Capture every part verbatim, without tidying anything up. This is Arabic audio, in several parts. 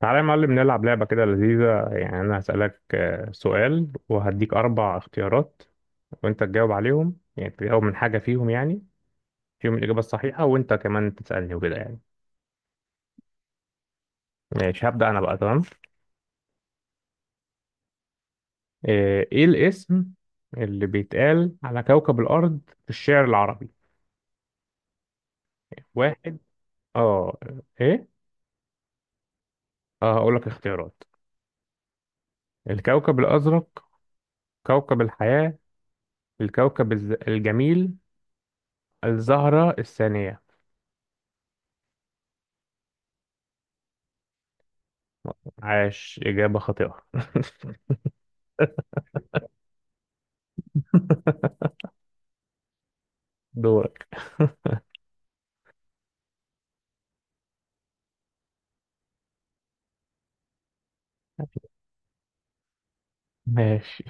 تعالى يا معلم، نلعب لعبة كده لذيذة. يعني أنا هسألك آه، سؤال وهديك أربع اختيارات، وأنت تجاوب عليهم. يعني تجاوب من حاجة فيهم، يعني فيهم الإجابة الصحيحة. وأنت كمان تسألني وكده يعني. ماشي، هبدأ أنا بقى. تمام. آه، إيه الاسم اللي بيتقال على كوكب الأرض في الشعر العربي؟ واحد. آه. إيه. آه هقول لك اختيارات. الكوكب الأزرق، كوكب الحياة، الكوكب الز- الجميل، الزهرة الثانية. عاش، إجابة خاطئة. دورك. ماشي.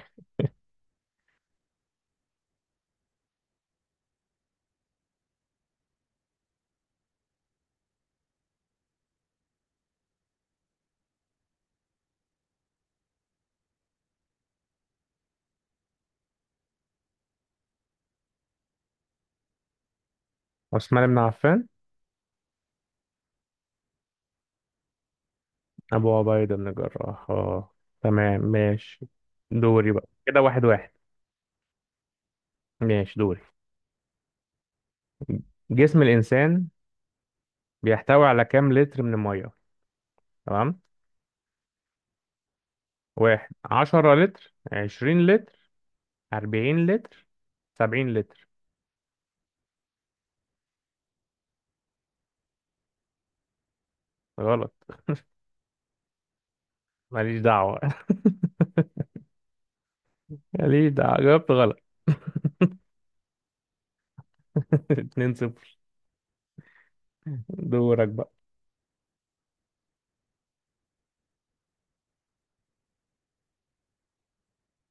عثمان بن عفان. أبو عبيدة بن جراح، اه. تمام ماشي. دوري بقى كده، واحد واحد. ماشي دوري. جسم الإنسان بيحتوي على كام لتر من المية؟ تمام. واحد، عشرة لتر، عشرين لتر، أربعين لتر، سبعين لتر. غلط. ماليش دعوة. ماليش دعوة، جاوبت غلط. اتنين صفر. دورك بقى.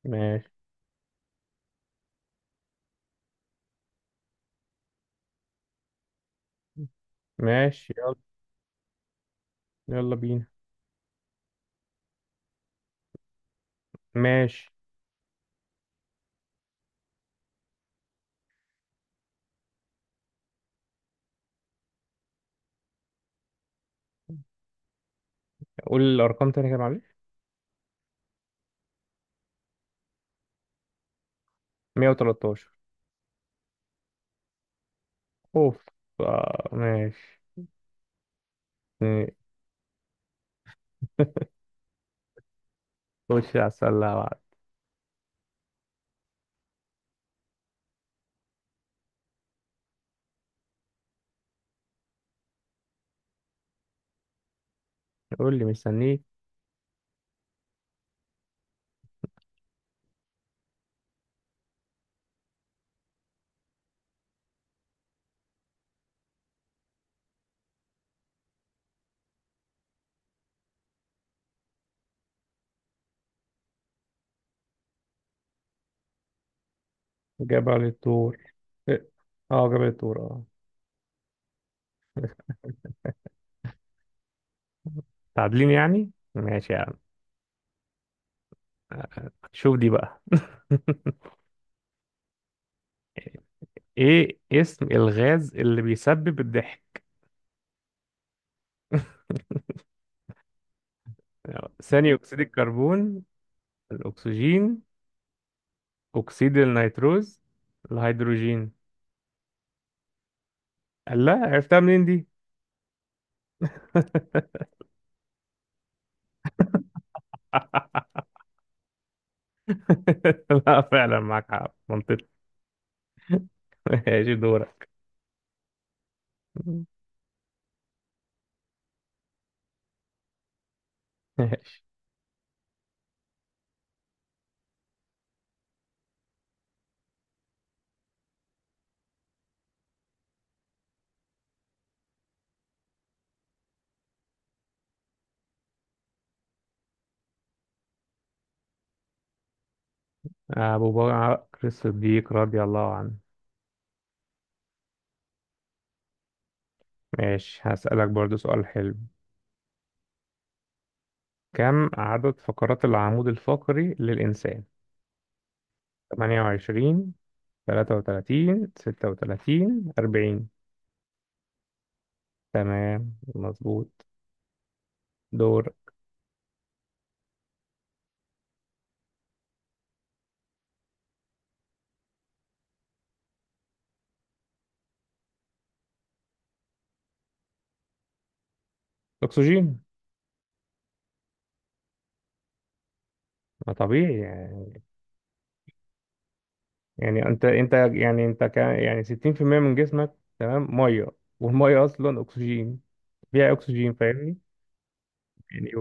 ماشي. ماشي يلا. يلا بينا. ماشي. قول الأرقام تاني كده، معلش. مية وتلتاشر. اوف. آه ماشي. إيه، خش على السلة بعد. قول لي، مستنيك. جبل الطور. إيه، اه جبل الطور اه. تعادلين يعني، ماشي يا عم. آه، شوف دي بقى. ايه اسم الغاز اللي بيسبب الضحك؟ ثاني اكسيد الكربون، الاكسجين، اكسيد النيتروز، الهيدروجين. لا، عرفتها منين دي؟ لا فعلا معاك حق، منطقي. ماشي دورك. أبو بكر الصديق رضي الله عنه. ماشي، هسألك برضو سؤال حلو. كم عدد فقرات العمود الفقري للإنسان؟ ثمانية وعشرون، ثلاثة وثلاثون، ستة وتلاتين، أربعين. تمام مظبوط. دور. أكسجين. ما طبيعي يعني. يعني أنت أنت يعني أنت كان يعني ستين بالمية من جسمك، تمام، مية. والمية أصلا أكسجين. فيها أكسجين، فاهمني؟ يعني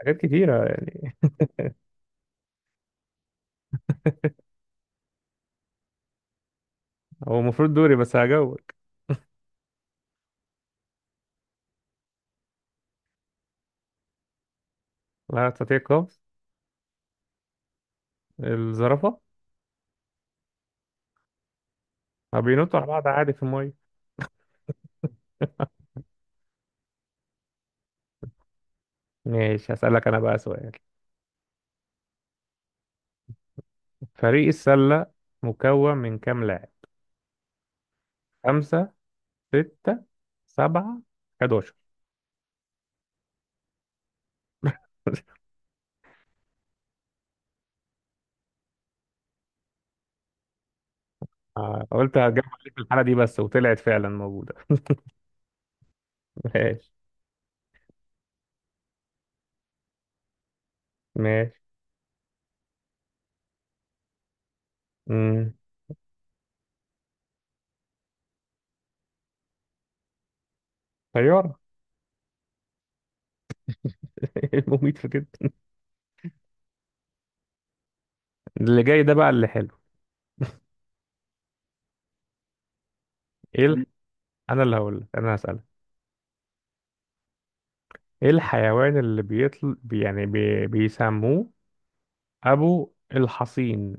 حاجات كتيرة يعني. هو المفروض دوري، بس هجاوبك. لا تستطيع القفز. الزرافة. ما بينطوا على بعض عادي في المية. ماشي، هسألك أنا بقى سؤال. فريق السلة مكون من كام لاعب؟ خمسة، ستة، سبعة، حداشر. آه، قلت هتجمع لك في الحالة دي بس، وطلعت فعلا موجودة. ماشي. ماشي. امم طيارة. إيه المميت في كده؟ اللي جاي ده بقى اللي حلو. ايه ال... مم. انا اللي هقول لك، انا هسألك. ايه الحيوان اللي بيطل بي- يعني بي... بيسموه ابو الحصين.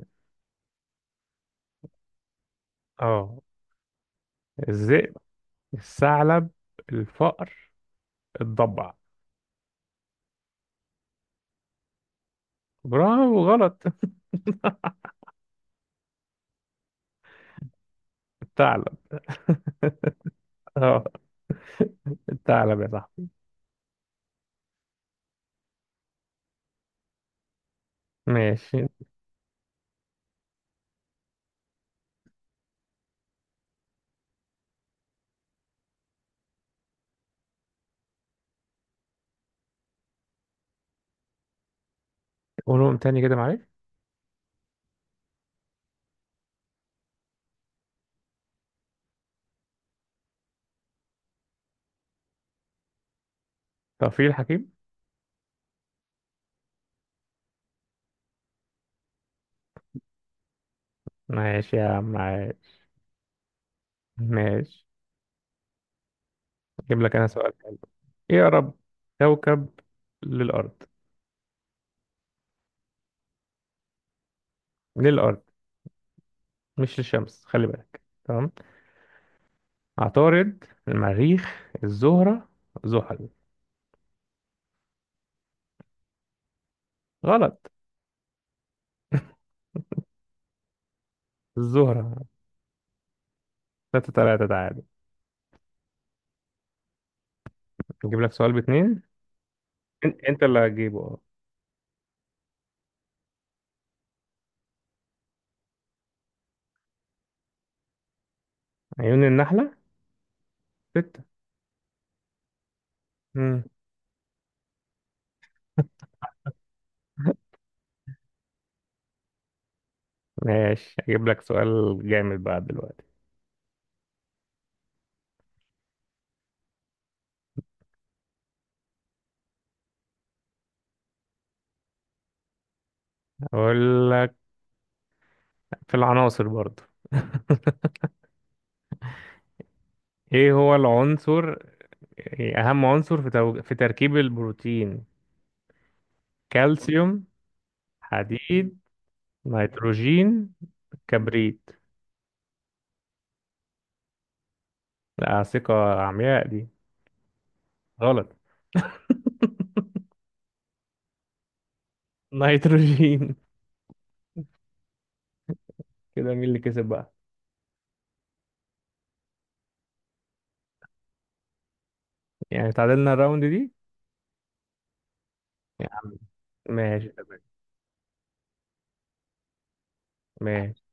اه. الذئب، الثعلب، الفأر، الضبع. برافو غلط. الثعلب. اه الثعلب يا صاحبي. ماشي. قولهم تاني كده معلش. ترفيه الحكيم. ماشي يا عم عايش. ماشي، اجيب لك انا سؤال حلو. ايه اقرب كوكب للارض؟ للارض مش للشمس، خلي بالك. تمام. عطارد، المريخ، الزهرة، زحل. غلط. الزهرة. ستة تلاتة، تعادل. اجيب لك سؤال باتنين. إن- انت اللي هتجيبه اه. عيون النحلة. ستة. مم. ماشي، اجيب لك سؤال جامد بقى دلوقتي. اقول لك، في العناصر برضو. ايه هو العنصر، إيه اهم عنصر في تو... في تركيب البروتين؟ كالسيوم، حديد، نيتروجين، كبريت. لا، ثقة عمياء دي. غلط. نيتروجين. كده مين اللي كسب بقى؟ يعني تعادلنا الراوند دي يا عم. ماشي تمام. ماشي.